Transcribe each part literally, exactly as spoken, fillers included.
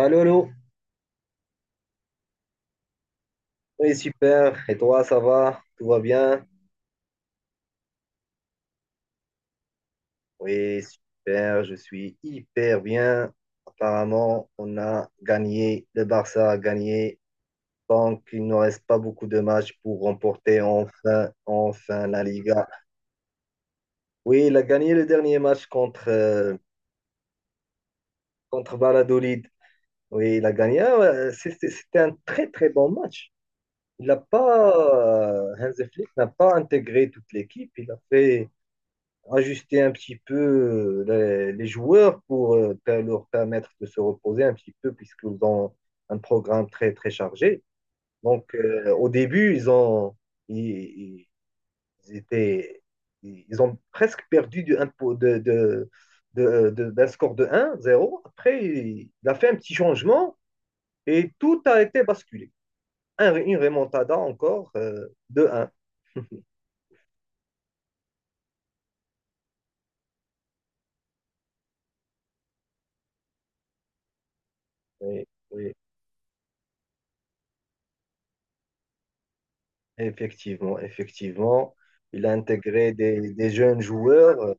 Allô, allô. Oui, super. Et toi, ça va? Tout va bien? Oui, super. Je suis hyper bien. Apparemment, on a gagné. Le Barça a gagné. Donc, il ne reste pas beaucoup de matchs pour remporter enfin, enfin la Liga. Oui, il a gagné le dernier match contre, euh, contre Valladolid. Oui, il a gagné. Ah ouais, c'était c'était un très, très bon match. Il n'a pas, euh, Hansi Flick n'a pas intégré toute l'équipe. Il a fait ajuster un petit peu euh, les, les joueurs pour euh, per- leur permettre de se reposer un petit peu puisqu'ils ont un programme très très chargé. Donc euh, au début, ils ont ils, ils étaient ils ont presque perdu du, un po- de, de, de- de- d'un score de un zéro. Après, il a fait un petit changement et tout a été basculé. Un- une remontada encore euh, de un Effectivement, effectivement. Il a intégré des, des jeunes joueurs. Euh,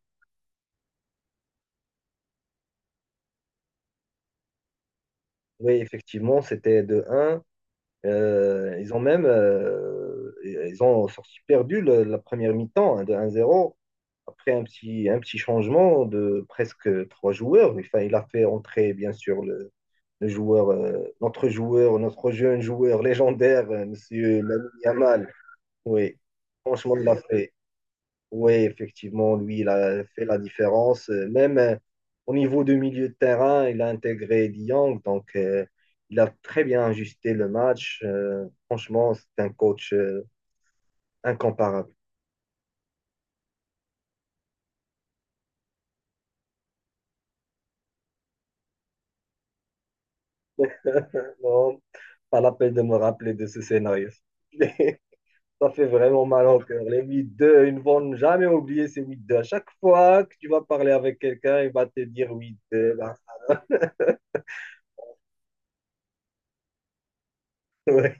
Oui, effectivement, c'était de un Euh, ils ont même euh, ils ont sorti perdu le- la première mi-temps, hein, de un zéro. Après un petit, un petit changement de presque trois joueurs. Enfin, il a fait entrer, bien sûr, le, le joueur, euh, notre joueur, notre jeune joueur légendaire, euh, Monsieur Lamine Yamal. Oui, franchement, il l'a fait. Oui, effectivement, lui, il a fait la différence. Euh, Même euh, au niveau de milieu de terrain, il a intégré Dieng, donc euh, il a très bien ajusté le match. Euh, franchement, c'est un coach euh, incomparable. Bon, pas la peine de me rappeler de ce scénario. Ça fait vraiment mal au cœur. Les huit deux, ils ne vont jamais oublier ces huit deux. À chaque fois que tu vas parler avec quelqu'un, il va te dire huit deux là. Ouais.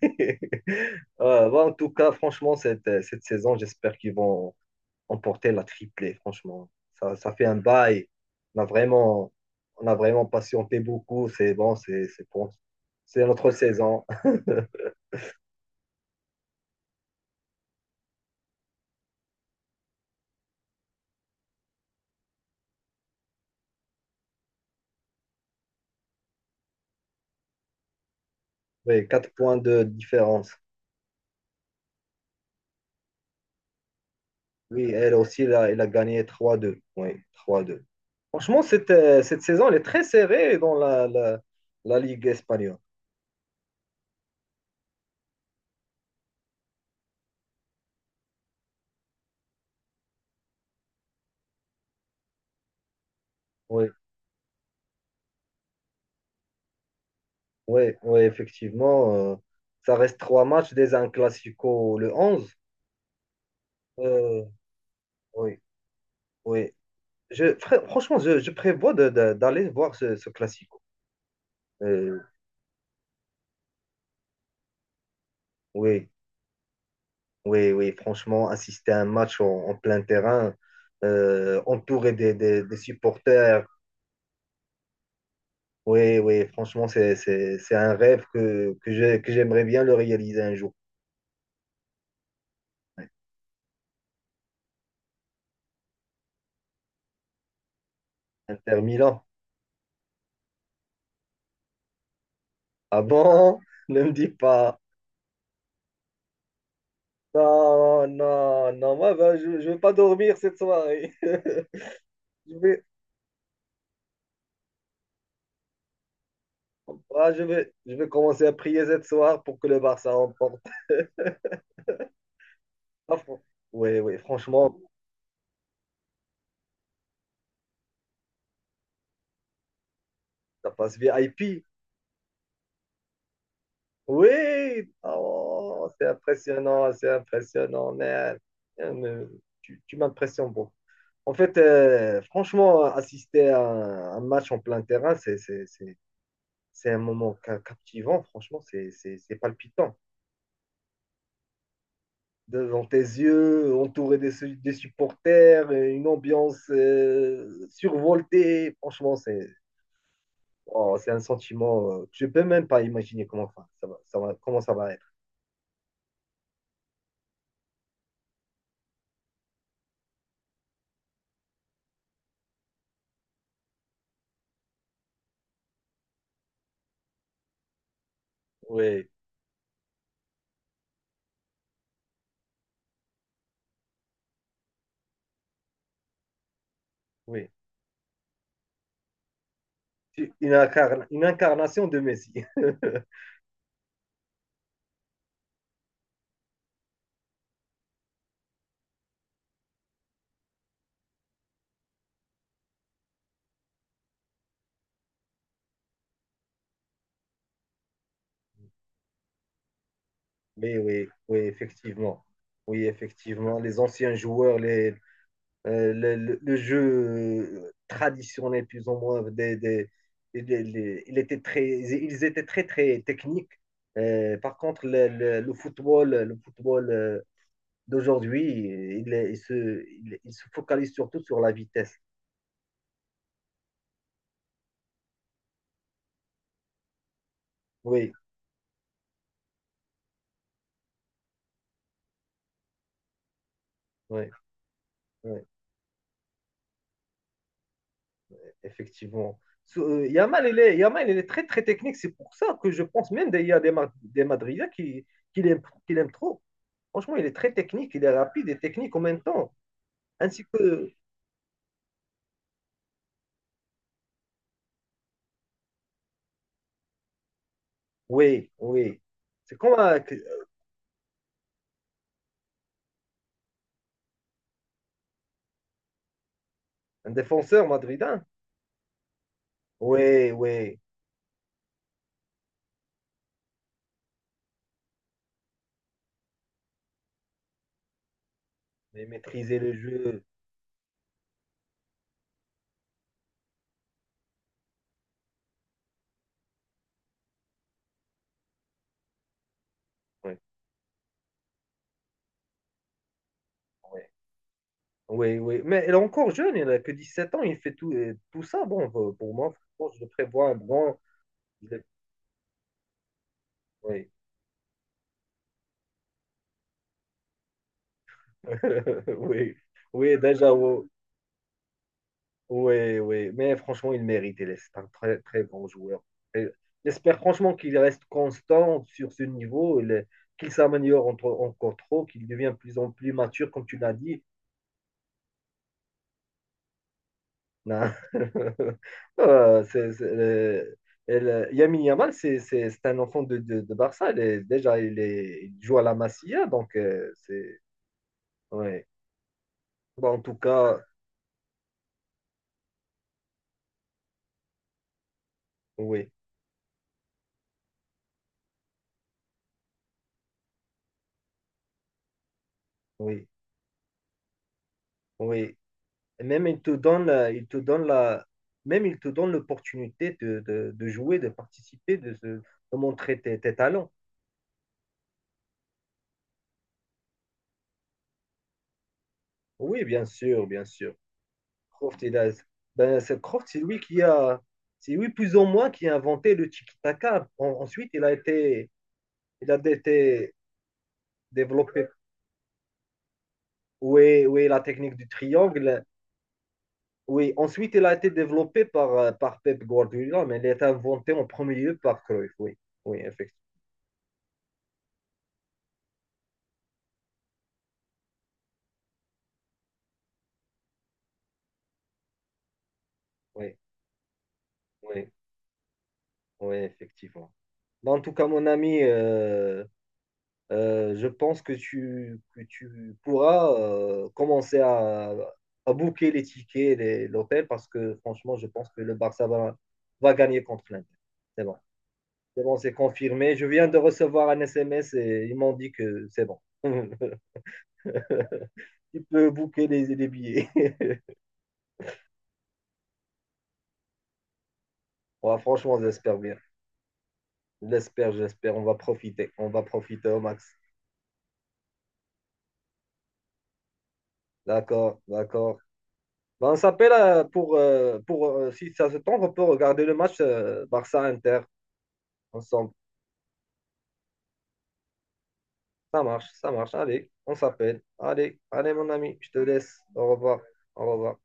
Euh, bon, en tout cas, franchement, cette, cette saison, j'espère qu'ils vont emporter la triplée, franchement. Ça, ça fait un bail. On a vraiment, on a vraiment patienté beaucoup. C'est bon, c'est c'est bon. C'est notre saison. Oui, quatre points de différence. Oui, elle aussi, elle a, elle a gagné trois deux. Oui, trois deux. Franchement, cette, euh, cette saison, elle est très serrée dans la, la, la Ligue espagnole. Oui, oui, oui, effectivement. euh, ça reste trois matchs dès un classico le onze. Euh, oui, oui. Je, fr- franchement, je, je prévois de- de- d'aller voir ce, ce classico. Euh, oui, oui, oui, franchement, assister à un match en, en plein terrain, euh, entouré des, des- des supporters. Oui, oui, franchement, c'est, c'est- c'est un rêve que, que j'ai- que j'aimerais bien le réaliser un jour. Ouais. Inter Milan. Ah bon? Ne me dis pas. Non, non, non, moi, ben, je ne vais pas dormir cette soirée. Je vais, ah, je vais, je vais commencer à prier cette soir pour que le Barça remporte. Ah, fran- ouais, ouais, franchement, ça passe V I P. Oui, oh, c'est impressionnant, c'est impressionnant, man. Euh, mais Tu, tu m'impressionnes beaucoup. En fait, euh, franchement, assister à un, un match en plein terrain, c'est c'est- c'est- c'est un moment ca- captivant, franchement, c'est c'est- c'est palpitant. Devant tes yeux, entouré des, su- des supporters, une ambiance euh, survoltée, franchement, c'est. Oh, c'est un sentiment, euh, je peux même pas imaginer comment, enfin, ça va, ça va- comment ça va être. Oui, oui. C'est Une, incarn- une incarnation de Messi. Mais oui, oui, effectivement. Oui, effectivement. Les anciens joueurs, les, euh, le, le- le jeu euh, traditionnel, plus ou moins, des, des- des- les- il était très, ils étaient très, très techniques. Euh, par contre, le, le- le football, le football euh, d'aujourd'hui, il, il se, il il se focalise surtout sur la vitesse. Oui, oui, oui, effectivement. Sou- euh, Yamal, il est, Yamal, il est très, très technique. C'est pour ça que je pense même qu'il y a des, Ma- des Madridiens qui, qui l'aiment qui l'aiment trop. Franchement, il est très technique, il est rapide et technique en même temps. Ainsi que, oui, oui. C'est comme un, un défenseur madridin. Oui, oui. Mais maîtriser le jeu. Oui, oui, oui, oui. Mais il est encore jeune, il n'a que dix sept ans, il fait tout, euh, tout ça. Bon, pour pour moi, franchement, je le prévois un grand. Oui, oui, oui, déjà, oui, oui, oui. Mais franchement, il mérite. Il est c'est un très, très bon joueur. Et J'espère franchement qu'il reste constant sur ce niveau, il- qu'il s'améliore entre- encore trop, qu'il devient de plus en plus mature, comme tu l'as dit. Non. Euh, c'est- c'est- euh, elle- Lamine Yamal, c'est c'est- c'est un enfant de, de, de Barça. Il est- déjà, il, est, il joue à la Masia, donc euh, c'est... Ouais. Bon, en tout cas, oui, oui, oui. Et même il te donne, la- il te donne la, même il te donne l'opportunité de, de- de jouer, de participer, de, se- de montrer tes, tes talents. Oui, bien sûr, bien sûr. Croft, il a- ben, c'est Croft, c'est lui qui a, c'est lui plus ou moins qui a inventé le tiki-taka. En- ensuite, il a été, il a été développé. Oui, oui, la technique du triangle. Oui, ensuite, il a été développé par, euh, par Pep Guardiola, mais il a été inventé en premier lieu par Cruyff. Oui, oui, effectivement. Oui, oui, oui, effectivement. Bah, en tout cas, mon ami, euh, euh, je pense que tu, que tu pourras euh, commencer à, à booker les tickets, les- l'hôtel, parce que franchement, je pense que le Barça va, va gagner contre l'Inter. C'est bon, c'est bon, c'est confirmé. Je viens de recevoir un S M S et ils m'ont dit que c'est bon. Tu peux booker les, les billets. Ouais, franchement, j'espère bien. J'espère, j'espère. On va profiter. On va profiter au max. D'accord, d'accord. Ben, on s'appelle euh, pour, euh, pour euh, si ça se tente, on peut regarder le match euh, Barça-Inter ensemble. Ça marche, ça marche. Allez, on s'appelle. Allez, allez, mon ami, je te laisse. Au revoir. Au revoir.